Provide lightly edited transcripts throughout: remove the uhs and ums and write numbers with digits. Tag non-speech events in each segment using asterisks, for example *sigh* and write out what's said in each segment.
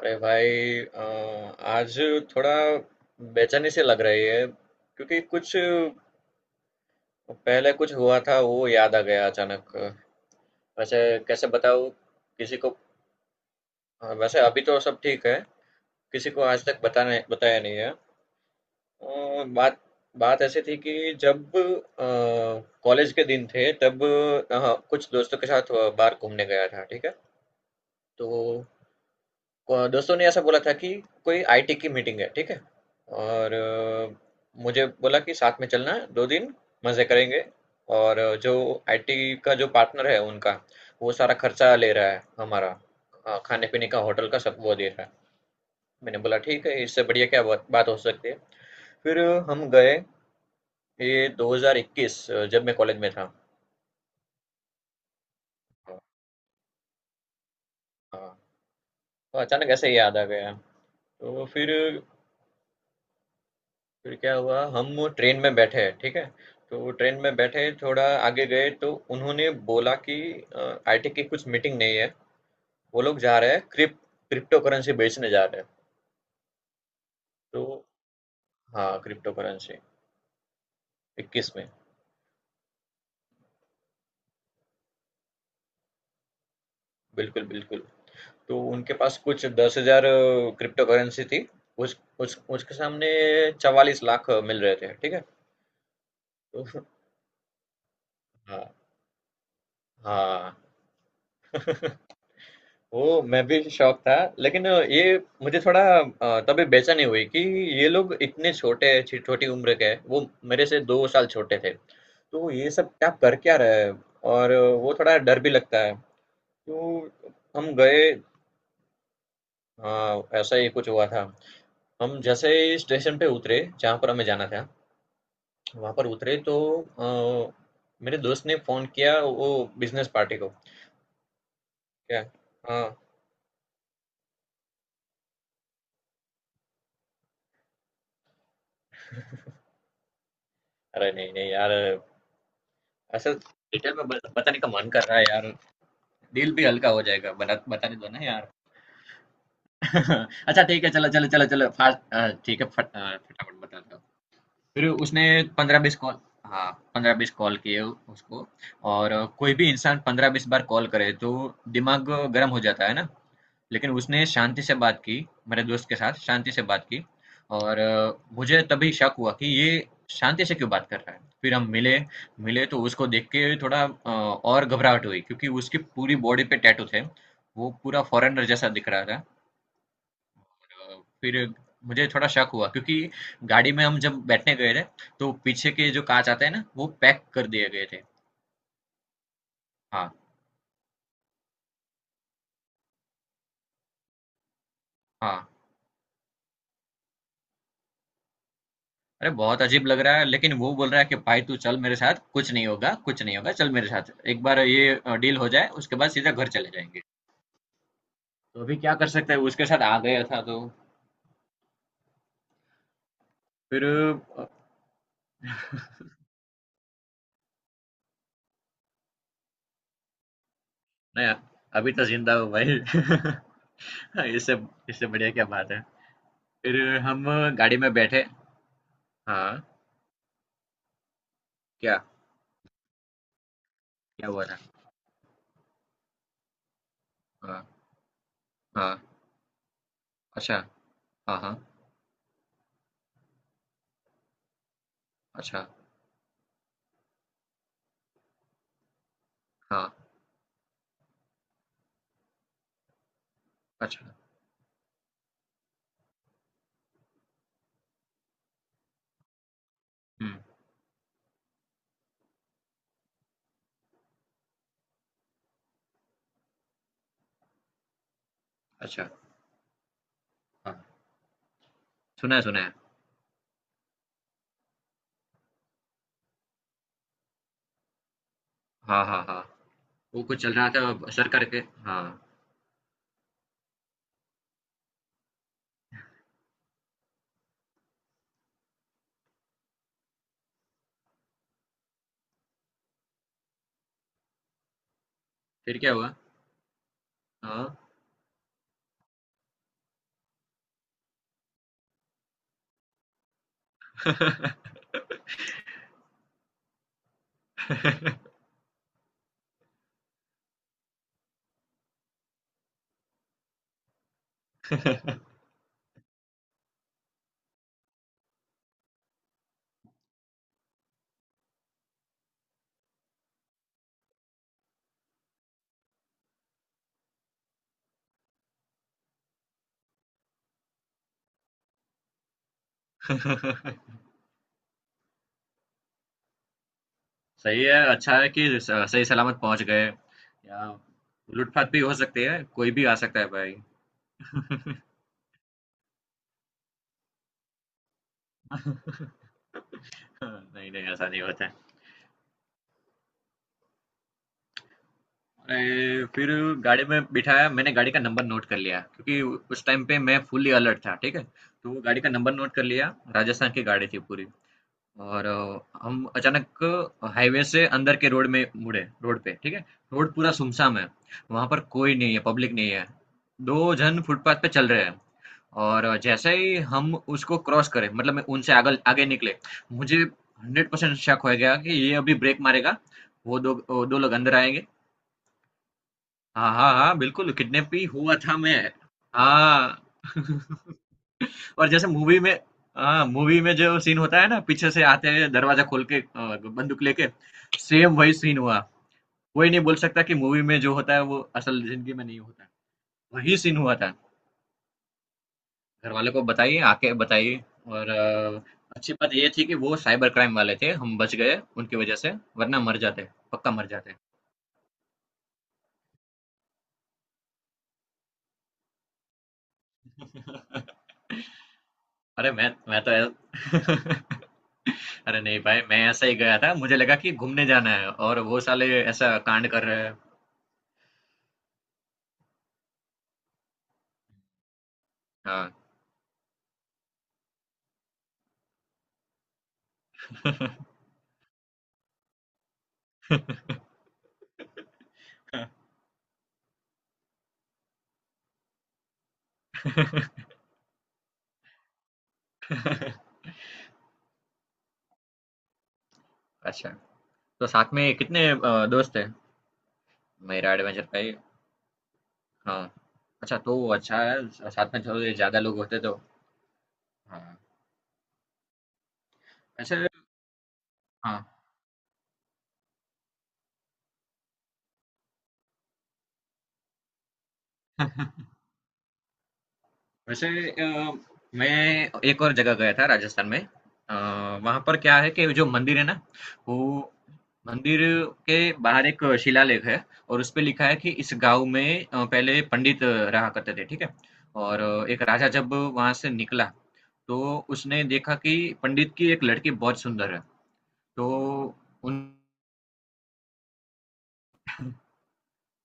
अरे भाई आज थोड़ा बेचैनी से लग रही है क्योंकि कुछ पहले कुछ हुआ था वो याद आ गया अचानक। वैसे कैसे बताऊँ किसी को। हाँ, वैसे अभी तो सब ठीक है। किसी को आज तक बताने बताया नहीं है। बात बात ऐसी थी कि जब कॉलेज के दिन थे तब कुछ दोस्तों के साथ बाहर घूमने गया था, ठीक है। तो दोस्तों ने ऐसा बोला था कि कोई आईटी की मीटिंग है, ठीक है। और मुझे बोला कि साथ में चलना, दो दिन मजे करेंगे। और जो आईटी का जो पार्टनर है उनका, वो सारा खर्चा ले रहा है हमारा। खाने पीने का होटल का सब वो दे रहा है। मैंने बोला ठीक है, इससे बढ़िया क्या बात बात हो सकती है। फिर हम गए। ये 2021 जब मैं कॉलेज में था। हाँ। तो अचानक ऐसे ही याद आ गया। तो फिर क्या हुआ, हम वो ट्रेन में बैठे हैं ठीक है। तो ट्रेन में बैठे थोड़ा आगे गए तो उन्होंने बोला कि आईटी की कुछ मीटिंग नहीं है। वो लोग जा रहे हैं क्रिप्टो करेंसी बेचने जा रहे हैं। तो हाँ, क्रिप्टो करेंसी। इक्कीस में। बिल्कुल बिल्कुल। तो उनके पास कुछ 10 हजार क्रिप्टो करेंसी थी। उस उसके सामने 44 लाख मिल रहे थे, ठीक है। तो हाँ हाँ। *laughs* ओ मैं भी शौक था लेकिन ये मुझे थोड़ा, तभी बेचैनी हुई कि ये लोग इतने छोटे छोटी उम्र के हैं। वो मेरे से 2 साल छोटे थे। तो ये सब क्या रहे हैं। और वो थोड़ा डर भी लगता है। तो हम गए। हाँ ऐसा ही कुछ हुआ था। हम जैसे ही स्टेशन पे उतरे, जहाँ पर हमें जाना था, वहाँ पर उतरे तो मेरे दोस्त ने फोन किया वो बिजनेस पार्टी को। क्या। हाँ। अरे नहीं नहीं यार, ऐसा डिटेल में बताने का मन कर रहा है यार। दिल भी हल्का हो जाएगा, बना बताने दो ना यार। *laughs* अच्छा ठीक है, चलो चलो चलो चलो फास्ट। ठीक है, फटाफट बता दो। फिर उसने 15-20 कॉल, हाँ 15-20 कॉल किए उसको। और कोई भी इंसान 15-20 बार कॉल करे तो दिमाग गर्म हो जाता है ना। लेकिन उसने शांति से बात की, मेरे दोस्त के साथ शांति से बात की। और मुझे तभी शक हुआ कि ये शांति से क्यों बात कर रहा है। फिर हम मिले, मिले तो उसको देख के थोड़ा और घबराहट हुई क्योंकि उसकी पूरी बॉडी पे टैटू थे। वो पूरा फॉरेनर जैसा दिख रहा था। फिर मुझे थोड़ा शक हुआ क्योंकि गाड़ी में हम जब बैठने गए थे, तो पीछे के जो कांच आते हैं ना वो पैक कर दिए गए थे। हाँ, हाँ। अरे बहुत अजीब लग रहा है लेकिन वो बोल रहा है कि भाई तू चल मेरे साथ, कुछ नहीं होगा कुछ नहीं होगा, चल मेरे साथ, एक बार ये डील हो जाए उसके बाद सीधा घर चले जाएंगे। तो अभी क्या कर सकते हैं, उसके साथ आ गया था तो। फिर नया, अभी तो जिंदा हूँ भाई। *laughs* इससे इससे बढ़िया क्या बात है। फिर हम गाड़ी में बैठे। हाँ। क्या क्या हुआ था। हाँ हाँ। अच्छा। हाँ हाँ। अच्छा। हाँ। अच्छा। हम्म। अच्छा। हाँ। सुना है सुना है। हाँ हाँ हाँ। वो कुछ चल रहा था सर करके। हाँ। फिर क्या हुआ। हाँ। *laughs* सही है, अच्छा है कि सही सलामत पहुंच गए यहाँ। लूटपाट भी हो सकती है, कोई भी आ सकता है भाई। *laughs* नहीं नहीं ऐसा नहीं होता है। अरे, फिर गाड़ी में बिठाया, मैंने गाड़ी का नंबर नोट कर लिया क्योंकि उस टाइम पे मैं फुल्ली अलर्ट था, ठीक है। तो वो गाड़ी का नंबर नोट कर लिया, राजस्थान की गाड़ी थी पूरी। और हम अचानक हाईवे से अंदर के रोड में मुड़े, रोड पे ठीक है। रोड पूरा सुमसाम है, वहां पर कोई नहीं है, पब्लिक नहीं है। दो जन फुटपाथ पे चल रहे हैं। और जैसे ही हम उसको क्रॉस करें, मतलब मैं उनसे आगे आगे निकले, मुझे 100% शक हो गया कि ये अभी ब्रेक मारेगा। वो दो लोग अंदर आएंगे। हाँ हाँ हाँ बिल्कुल किडनैप ही हुआ था मैं। हाँ *laughs* और जैसे मूवी में, हाँ मूवी में जो सीन होता है ना, पीछे से आते हैं दरवाजा खोल के बंदूक लेके, सेम वही सीन हुआ। कोई नहीं बोल सकता कि मूवी में जो होता है वो असल जिंदगी में नहीं होता। वही सीन हुआ था। घर वालों को बताइए आके बताइए। और अच्छी बात ये थी कि वो साइबर क्राइम वाले थे, हम बच गए उनकी वजह से। वरना मर जाते, पक्का मर जाते। *laughs* अरे मैं तो *laughs* अरे नहीं भाई मैं ऐसा ही गया था, मुझे लगा कि घूमने जाना है और वो साले ऐसा कांड कर रहे हैं। हाँ। अच्छा, तो साथ में कितने दोस्त हैं? मेरा एडवेंचर का ये। हाँ, अच्छा तो वो अच्छा है, साथ में थोड़े ज़्यादा लोग होते तो। हाँ, वैसे। हाँ, वैसे मैं एक और जगह गया था राजस्थान में। आ, वहाँ पर क्या है कि जो मंदिर है ना, वो मंदिर के बाहर एक शिलालेख है। और उस पे लिखा है कि इस गांव में पहले पंडित रहा करते थे, ठीक है। और एक राजा जब वहां से निकला, तो उसने देखा कि पंडित की एक लड़की बहुत सुंदर है। तो उन,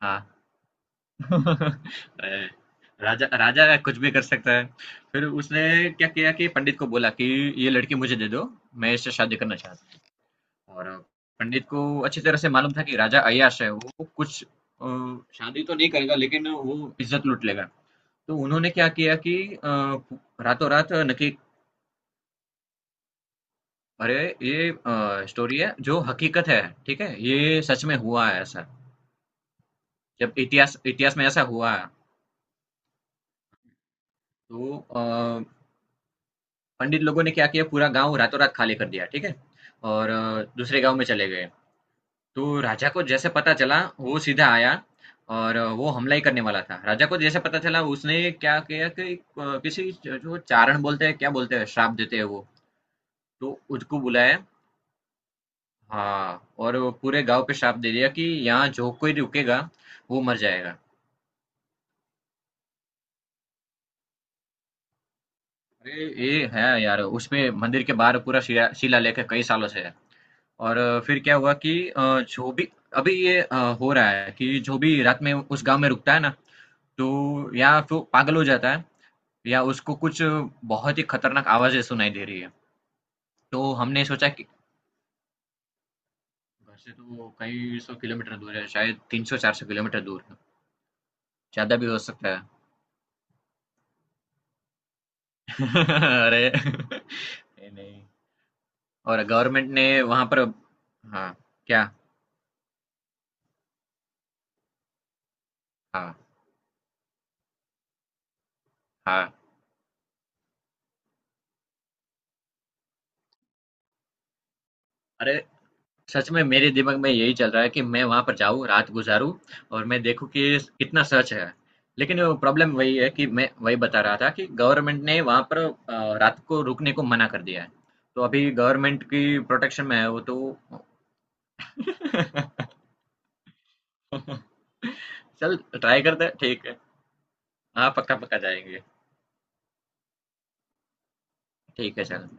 हाँ *laughs* अरे, राजा राजा कुछ भी कर सकता है। फिर उसने क्या किया कि पंडित को बोला कि ये लड़की मुझे दे दो, मैं इससे शादी करना चाहता हूँ। और पंडित को अच्छी तरह से मालूम था कि राजा अय्याश है, वो कुछ शादी तो नहीं करेगा लेकिन वो इज्जत लूट लेगा। तो उन्होंने क्या किया कि रातों रात नक्की, अरे ये स्टोरी है जो हकीकत है, ठीक है, ये सच में हुआ है ऐसा। जब इतिहास इतिहास में ऐसा हुआ है। तो पंडित लोगों ने क्या किया, पूरा गाँव रातों रात खाली कर दिया, ठीक है? और दूसरे गाँव में चले गए। तो राजा को जैसे पता चला वो सीधा आया और वो हमला ही करने वाला था। राजा को जैसे पता चला उसने क्या किया कि किसी जो चारण बोलते हैं क्या बोलते हैं, श्राप देते हैं वो, तो उसको बुलाया। हाँ और वो पूरे गांव पे श्राप दे दिया कि यहाँ जो कोई रुकेगा वो मर जाएगा। अरे ये है यार, उसमें मंदिर के बाहर पूरा शिलालेख है, कई सालों से है। और फिर क्या हुआ कि जो भी अभी ये हो रहा है कि जो भी रात में उस गांव में रुकता है ना, तो या तो पागल हो जाता है, या उसको कुछ बहुत ही खतरनाक आवाजें सुनाई दे रही है। तो हमने सोचा कि घर से तो कई सौ किलोमीटर दूर है, शायद 300-400 किलोमीटर दूर है, ज्यादा भी हो सकता है। *laughs* अरे ये नहीं। और गवर्नमेंट ने वहां पर, हाँ। क्या। हाँ हाँ। अरे सच में मेरे दिमाग में यही चल रहा है कि मैं वहाँ पर जाऊँ, रात गुज़ारूँ और मैं देखूँ कि कितना सर्च है। लेकिन प्रॉब्लम वही है कि मैं वही बता रहा था कि गवर्नमेंट ने वहाँ पर रात को रुकने को मना कर दिया है। तो अभी गवर्नमेंट की प्रोटेक्शन में है वो तो। *laughs* चल ट्राई करते हैं, ठीक है। हाँ, पक्का पक्का जाएँगे। ठीक है, चल।